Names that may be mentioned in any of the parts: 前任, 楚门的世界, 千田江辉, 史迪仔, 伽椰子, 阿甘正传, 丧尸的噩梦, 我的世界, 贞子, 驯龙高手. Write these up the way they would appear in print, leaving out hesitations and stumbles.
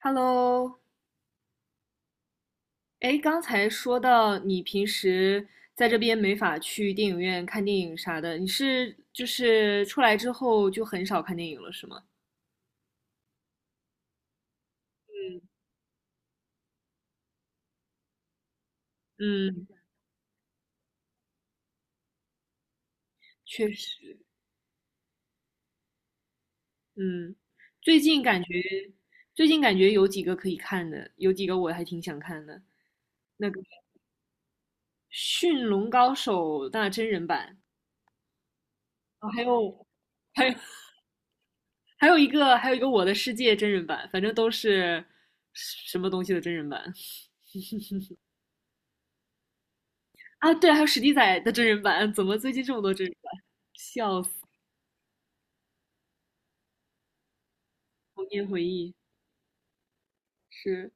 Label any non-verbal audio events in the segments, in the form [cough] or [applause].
Hello，哎，刚才说到你平时在这边没法去电影院看电影啥的，你是出来之后就很少看电影了，是吗？嗯，嗯，确实，嗯，最近感觉最近感觉有几个可以看的，有几个我还挺想看的，那个《驯龙高手》那真人版，哦，还有还有一个《我的世界》真人版，反正都是什么东西的真人版。啊，对，还有史迪仔的真人版，怎么最近这么多真人版？笑死，童年回忆是。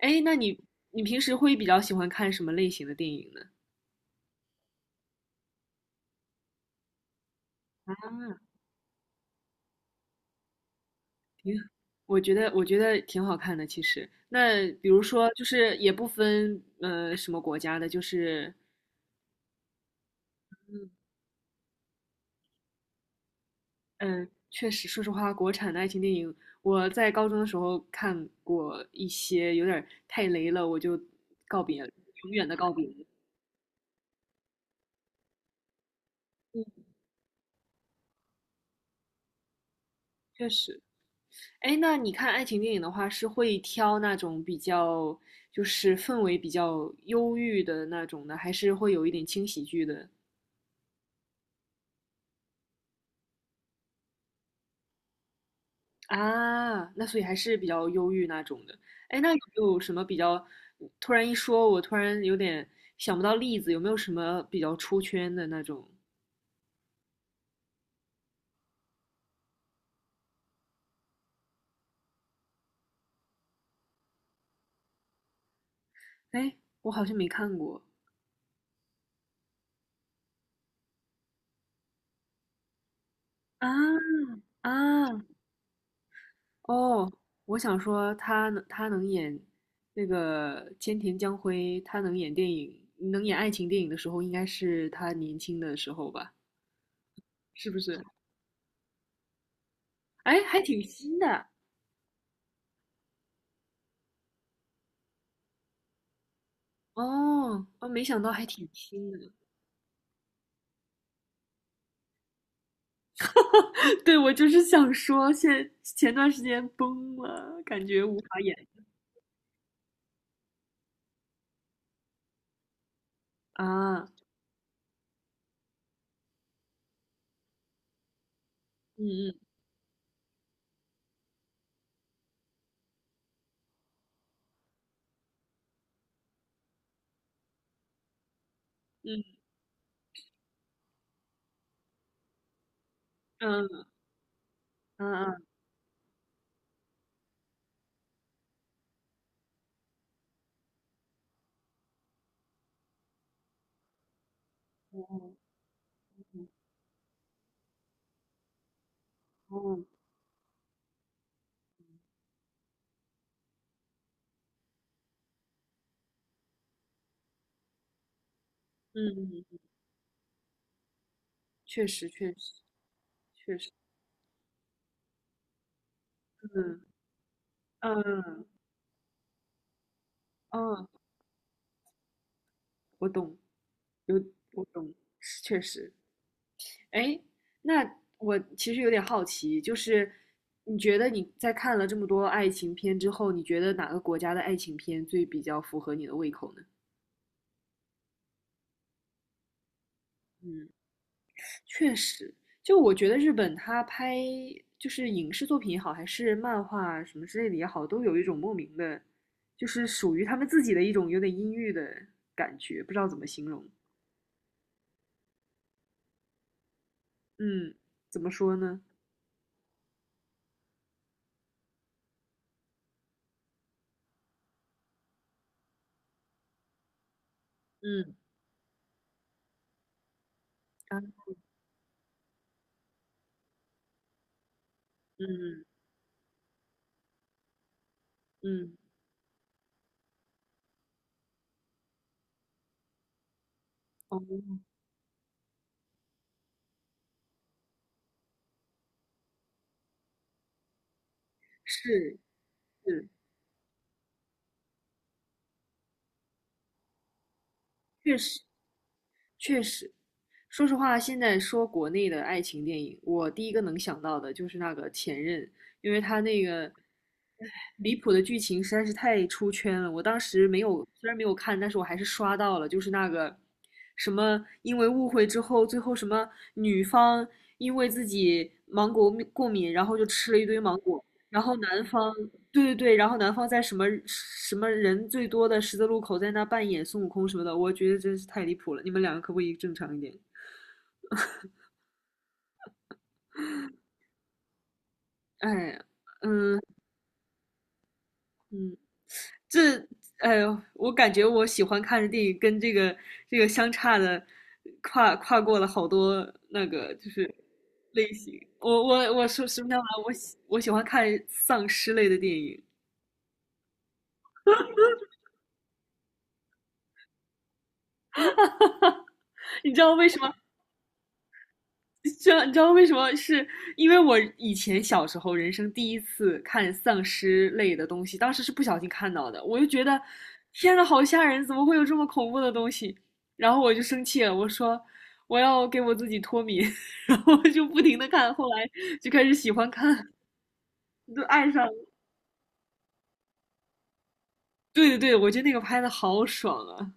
哎，你平时会比较喜欢看什么类型的电影呢？挺，我觉得挺好看的，其实。那比如说，就是也不分什么国家的，就是嗯嗯，确实，说实话，国产的爱情电影，我在高中的时候看过一些，有点儿太雷了，我就告别了，永远的告别。嗯，确实。哎，那你看爱情电影的话，是会挑那种比较就是氛围比较忧郁的那种呢，还是会有一点轻喜剧的啊？那所以还是比较忧郁那种的。哎，那有没有什么比较？突然一说，我突然有点想不到例子，有没有什么比较出圈的那种？哎，我好像没看过啊啊！哦，我想说他能演那个千田江辉，他能演电影，能演爱情电影的时候，应该是他年轻的时候吧？是不是？哎，还挺新的哦，哦，没想到还挺新的。[laughs] 对，我就是想说，现前段时间崩了，感觉无法演啊。嗯嗯嗯嗯嗯嗯嗯哦嗯，嗯确实确实，嗯嗯嗯，我懂。有我懂，确实。哎，那我其实有点好奇，就是你觉得你在看了这么多爱情片之后，你觉得哪个国家的爱情片最比较符合你的胃口呢？嗯，确实，就我觉得日本它拍就是影视作品也好，还是漫画啊什么之类的也好，都有一种莫名的，就是属于他们自己的一种有点阴郁的感觉，不知道怎么形容。嗯，怎么说呢？嗯啊，嗯嗯，嗯哦。是是，确实确实。说实话，现在说国内的爱情电影，我第一个能想到的就是那个《前任》，因为他那个离谱的剧情实在是太出圈了。我当时没有，虽然没有看，但是我还是刷到了，就是那个什么，因为误会之后，最后什么女方因为自己芒果过敏然后就吃了一堆芒果，然后男方，对对对，然后男方在什么什么人最多的十字路口在那扮演孙悟空什么的，我觉得真是太离谱了。你们两个可不可以正常一点？哎，嗯，这，哎呦，我感觉我喜欢看的电影跟这个相差的跨过了好多那个就是类型。我说实不相瞒，我喜欢看丧尸类的电影。你知道为什么 [laughs] 知道你知道为什么？是因为我以前小时候人生第一次看丧尸类的东西，当时是不小心看到的，我就觉得天呐，好吓人！怎么会有这么恐怖的东西？然后我就生气了，我说我要给我自己脱敏，[laughs] 然后就不停的看，后来就开始喜欢看，就爱上了对对对，我觉得那个拍的好爽啊，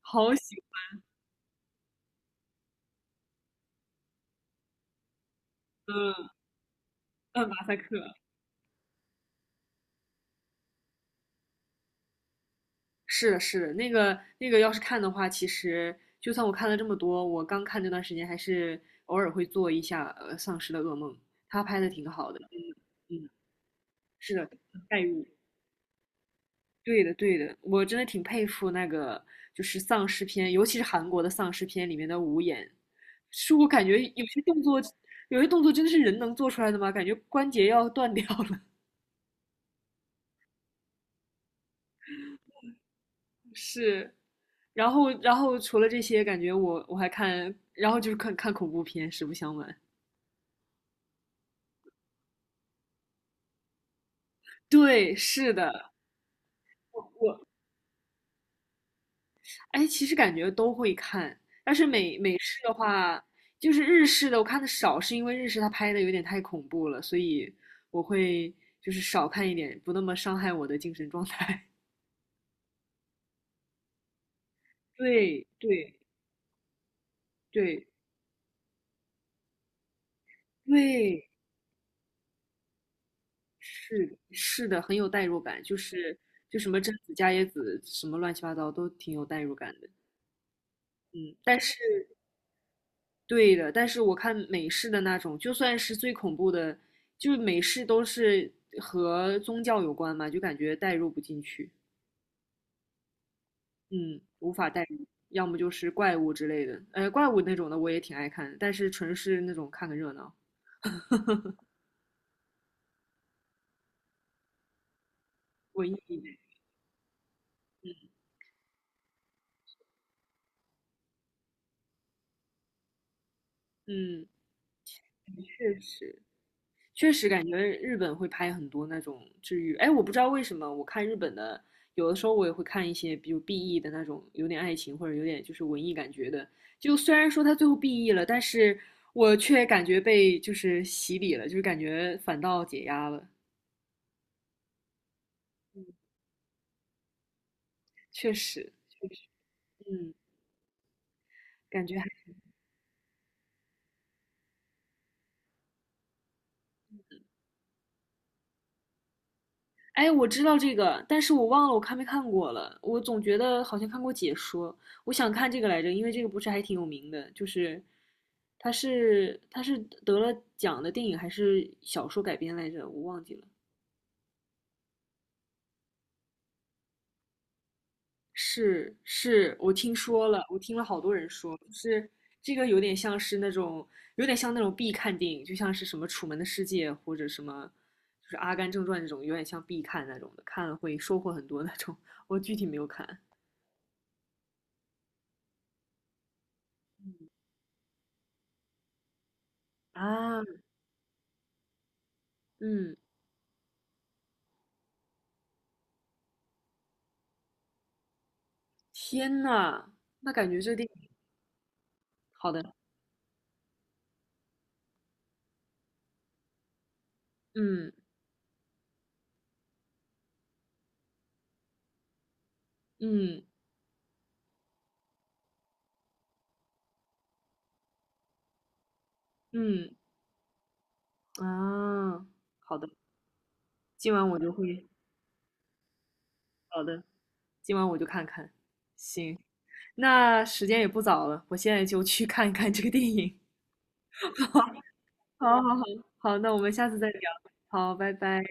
好喜欢，嗯，嗯马赛克。是的，是的，那个，要是看的话，其实就算我看了这么多，我刚看那段时间还是偶尔会做一下《丧尸的噩梦》，他拍的挺好的，嗯嗯，是的，代入，对的，我真的挺佩服那个就是丧尸片，尤其是韩国的丧尸片里面的武演，是我感觉有些动作，有些动作真的是人能做出来的吗？感觉关节要断掉了，[laughs] 是。然后除了这些，感觉我我还看，然后就是看看恐怖片，实不相瞒。对，是的，哎，其实感觉都会看，但是美式的话，就是日式的我看的少，是因为日式它拍的有点太恐怖了，所以我会就是少看一点，不那么伤害我的精神状态。[laughs] 对对对对，是的是的，很有代入感，就是就什么贞子、伽椰子，什么乱七八糟都挺有代入感的。嗯，但是对的，但是我看美式的那种，就算是最恐怖的，就是美式都是和宗教有关嘛，就感觉代入不进去，嗯，无法代入，要么就是怪物之类的，怪物那种的我也挺爱看的但是纯是那种看个热闹，文艺一点，嗯，确实。确实感觉日本会拍很多那种治愈。哎，我不知道为什么，我看日本的，有的时候我也会看一些，比如 BE 的那种，有点爱情或者有点就是文艺感觉的。就虽然说他最后 BE 了，但是我却感觉被就是洗礼了，就是感觉反倒解压了。嗯确实，确实，嗯，感觉还。哎，我知道这个，但是我忘了我看没看过了。我总觉得好像看过解说，我想看这个来着，因为这个不是还挺有名的，就是他是得了奖的电影还是小说改编来着，我忘记了。是是，我听说了，我听了好多人说，就是这个有点像是那种有点像那种必看电影，就像是什么《楚门的世界》或者什么就是《阿甘正传》这种，有点像必看那种的，看了会收获很多那种。我具体没有看。啊，嗯，天呐，那感觉这个电影好的，嗯嗯嗯啊，好的，今晚我就会，好的，今晚我就看看。行，那时间也不早了，我现在就去看看这个电影。[laughs] 好好好，好，那我们下次再聊。好，拜拜。